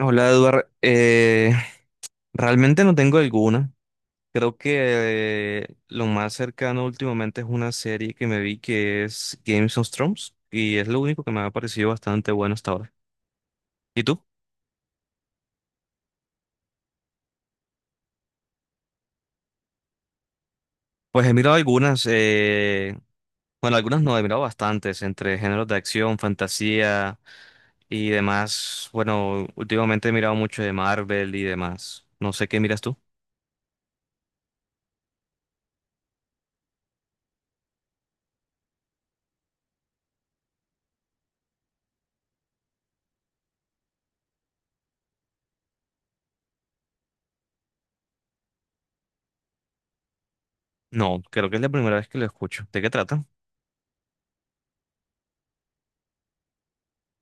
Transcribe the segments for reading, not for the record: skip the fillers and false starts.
Hola, Eduard. Realmente no tengo alguna. Creo que lo más cercano últimamente es una serie que me vi que es Games of Thrones y es lo único que me ha parecido bastante bueno hasta ahora. ¿Y tú? Pues he mirado algunas, bueno, algunas no, he mirado bastantes, entre géneros de acción, fantasía y demás. Bueno, últimamente he mirado mucho de Marvel y demás. No sé qué miras tú. No, creo que es la primera vez que lo escucho. ¿De qué trata?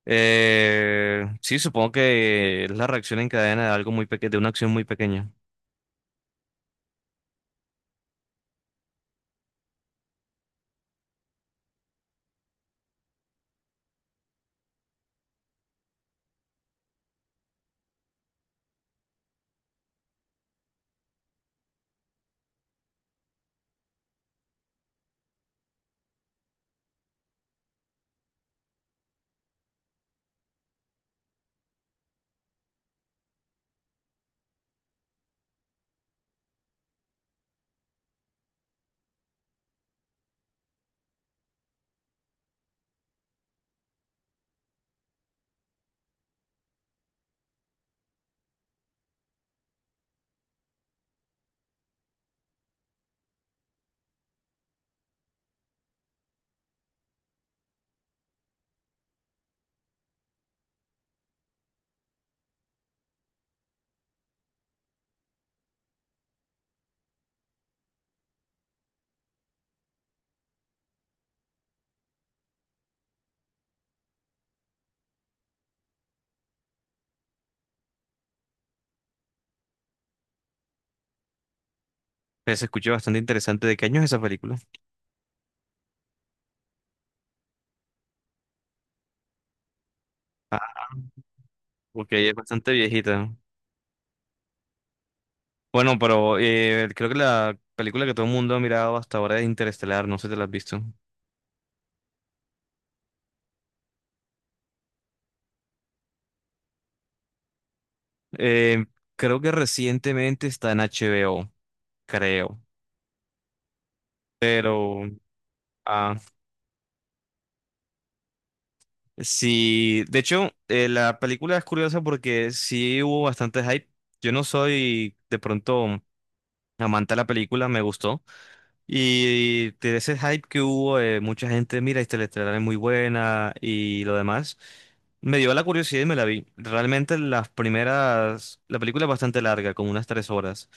Sí, supongo que es la reacción en cadena de algo muy pequeño, de una acción muy pequeña. Pues se escuchó bastante interesante. ¿De qué año es esa película? Porque es bastante viejita. Bueno, pero creo que la película que todo el mundo ha mirado hasta ahora es Interestelar, no sé si te la has visto. Eh, creo que recientemente está en HBO, creo. Pero, ah, sí, de hecho, la película es curiosa porque sí hubo bastante hype. Yo no soy de pronto amante de la película, me gustó. Y de ese hype que hubo, mucha gente, mira, Interestelar es muy buena y lo demás, me dio la curiosidad y me la vi. Realmente las primeras, la película es bastante larga, como unas 3 horas,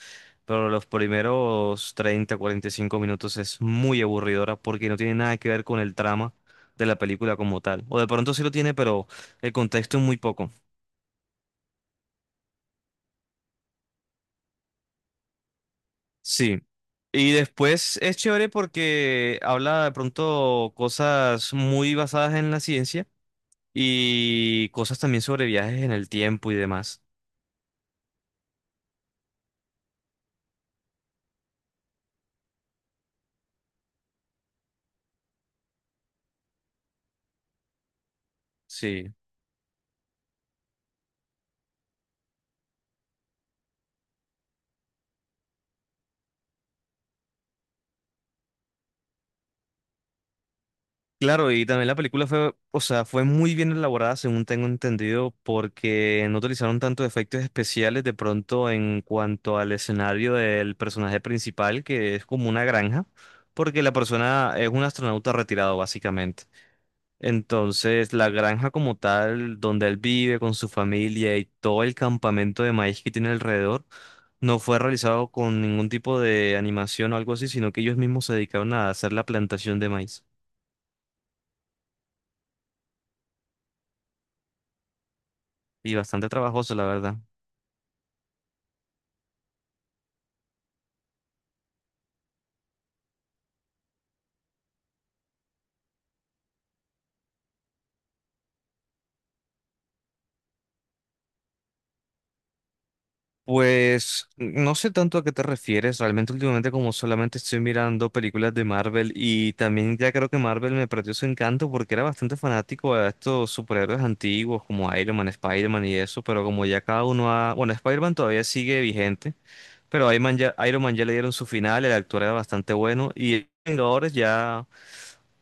pero los primeros 30 a 45 minutos es muy aburridora porque no tiene nada que ver con el trama de la película como tal. O de pronto sí lo tiene, pero el contexto es muy poco. Sí. Y después es chévere porque habla de pronto cosas muy basadas en la ciencia y cosas también sobre viajes en el tiempo y demás. Sí. Claro, y también la película fue, o sea, fue muy bien elaborada, según tengo entendido, porque no utilizaron tanto efectos especiales de pronto en cuanto al escenario del personaje principal, que es como una granja, porque la persona es un astronauta retirado, básicamente. Entonces, la granja como tal, donde él vive con su familia y todo el campamento de maíz que tiene alrededor, no fue realizado con ningún tipo de animación o algo así, sino que ellos mismos se dedicaron a hacer la plantación de maíz. Y bastante trabajoso, la verdad. Pues no sé tanto a qué te refieres, realmente últimamente como solamente estoy mirando películas de Marvel y también ya creo que Marvel me perdió su encanto porque era bastante fanático a estos superhéroes antiguos como Iron Man, Spider-Man y eso, pero como ya cada uno ha... Bueno, Spider-Man todavía sigue vigente, pero Iron Man ya le dieron su final, el actor era bastante bueno y los Vengadores ya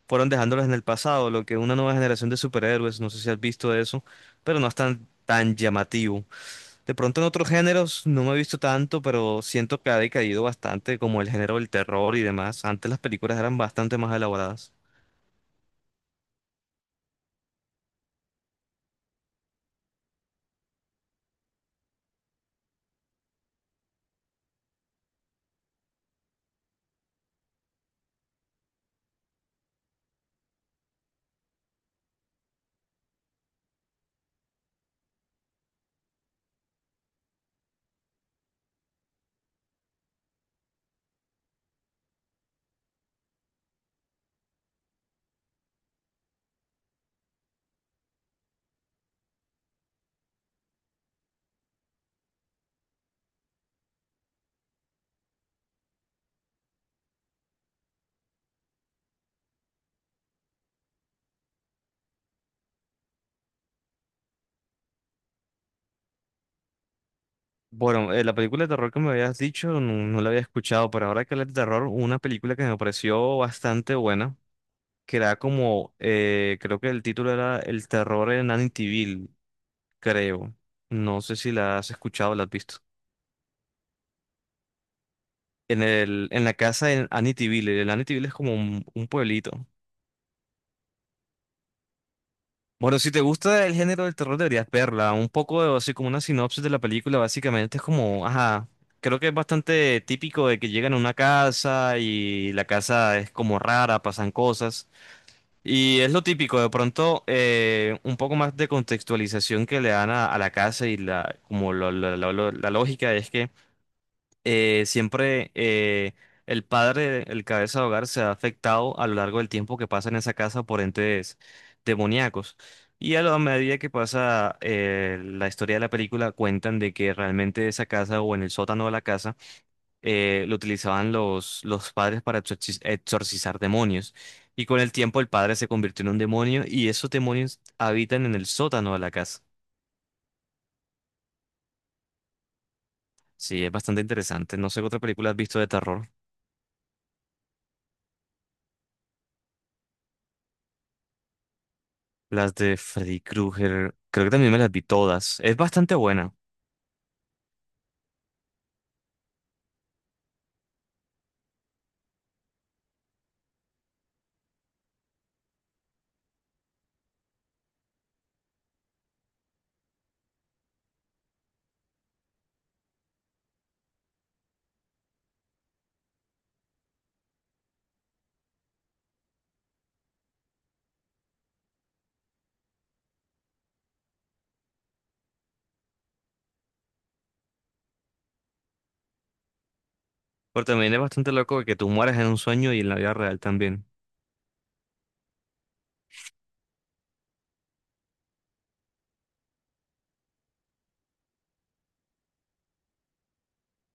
fueron dejándolos en el pasado, lo que una nueva generación de superhéroes, no sé si has visto eso, pero no es tan llamativo. De pronto en otros géneros no me he visto tanto, pero siento que ha decaído bastante, como el género del terror y demás. Antes las películas eran bastante más elaboradas. Bueno, la película de terror que me habías dicho no la había escuchado, pero ahora que hablas de terror, una película que me pareció bastante buena, que era como, creo que el título era El terror en Amityville, creo. No sé si la has escuchado o la has visto. En la casa en Amityville, el Amityville es como un pueblito. Bueno, si te gusta el género del terror, deberías verla. Un poco de- así como una sinopsis de la película, básicamente es como, ajá, creo que es bastante típico de que llegan a una casa y la casa es como rara, pasan cosas. Y es lo típico, de pronto un poco más de contextualización que le dan a la casa y la, como la lógica es que siempre el padre, el cabeza de hogar, se ha afectado a lo largo del tiempo que pasa en esa casa por entes demoníacos. Y a la medida que pasa la historia de la película, cuentan de que realmente esa casa o en el sótano de la casa lo utilizaban los padres para exorcizar demonios. Y con el tiempo el padre se convirtió en un demonio y esos demonios habitan en el sótano de la casa. Sí, es bastante interesante. No sé qué otra película has visto de terror. Las de Freddy Krueger, creo que también me las vi todas. Es bastante buena, pero también es bastante loco que tú mueras en un sueño y en la vida real también.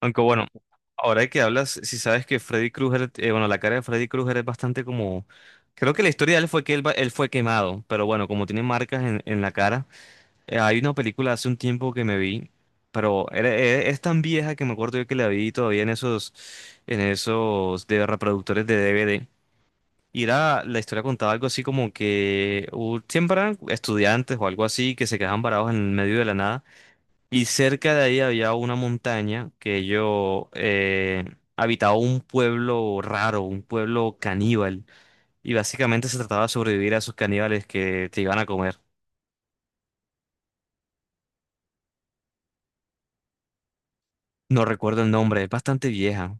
Aunque bueno, ahora que hablas, si sabes que Freddy Krueger, bueno, la cara de Freddy Krueger es bastante como... Creo que la historia de él fue que él, él fue quemado, pero bueno, como tiene marcas en la cara, hay una película hace un tiempo que me vi, pero es tan vieja que me acuerdo yo que la vi todavía en esos de reproductores de DVD. Y era, la historia contaba algo así como que siempre eran estudiantes o algo así que se quedaban varados en el medio de la nada. Y cerca de ahí había una montaña que ellos habitaba un pueblo raro, un pueblo caníbal. Y básicamente se trataba de sobrevivir a esos caníbales que te iban a comer. No recuerdo el nombre, es bastante vieja.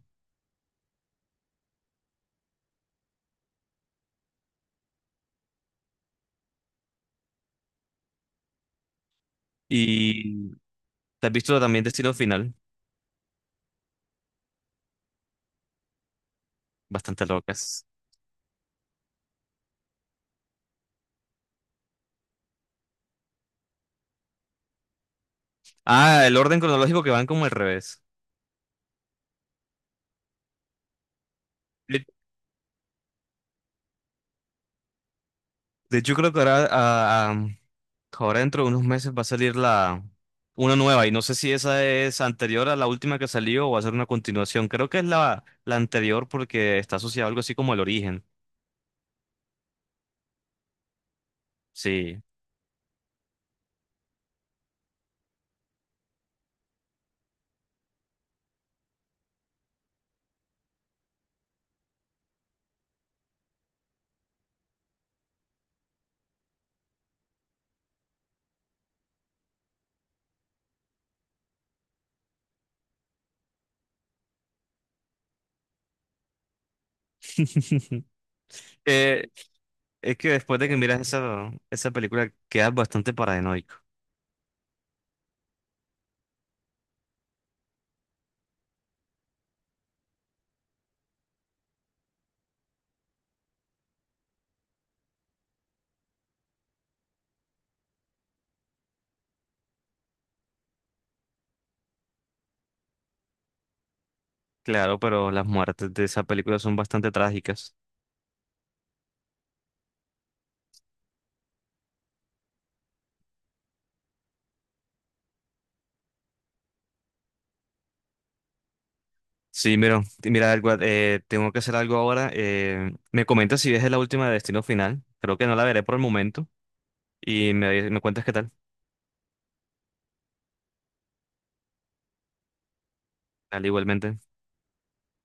Y te has visto también Destino Final, bastante locas. Ah, el orden cronológico que van como al revés. De, de hecho, creo que ahora ahora dentro de unos meses va a salir la una nueva y no sé si esa es anterior a la última que salió o va a ser una continuación. Creo que es la anterior porque está asociada a algo así como el origen. Sí. Eh, es que después de que miras esa película quedas bastante paranoico. Claro, pero las muertes de esa película son bastante trágicas. Sí, mira, mira algo, tengo que hacer algo ahora. Me comentas si ves la última de Destino Final. Creo que no la veré por el momento y me cuentas qué tal. Al igualmente.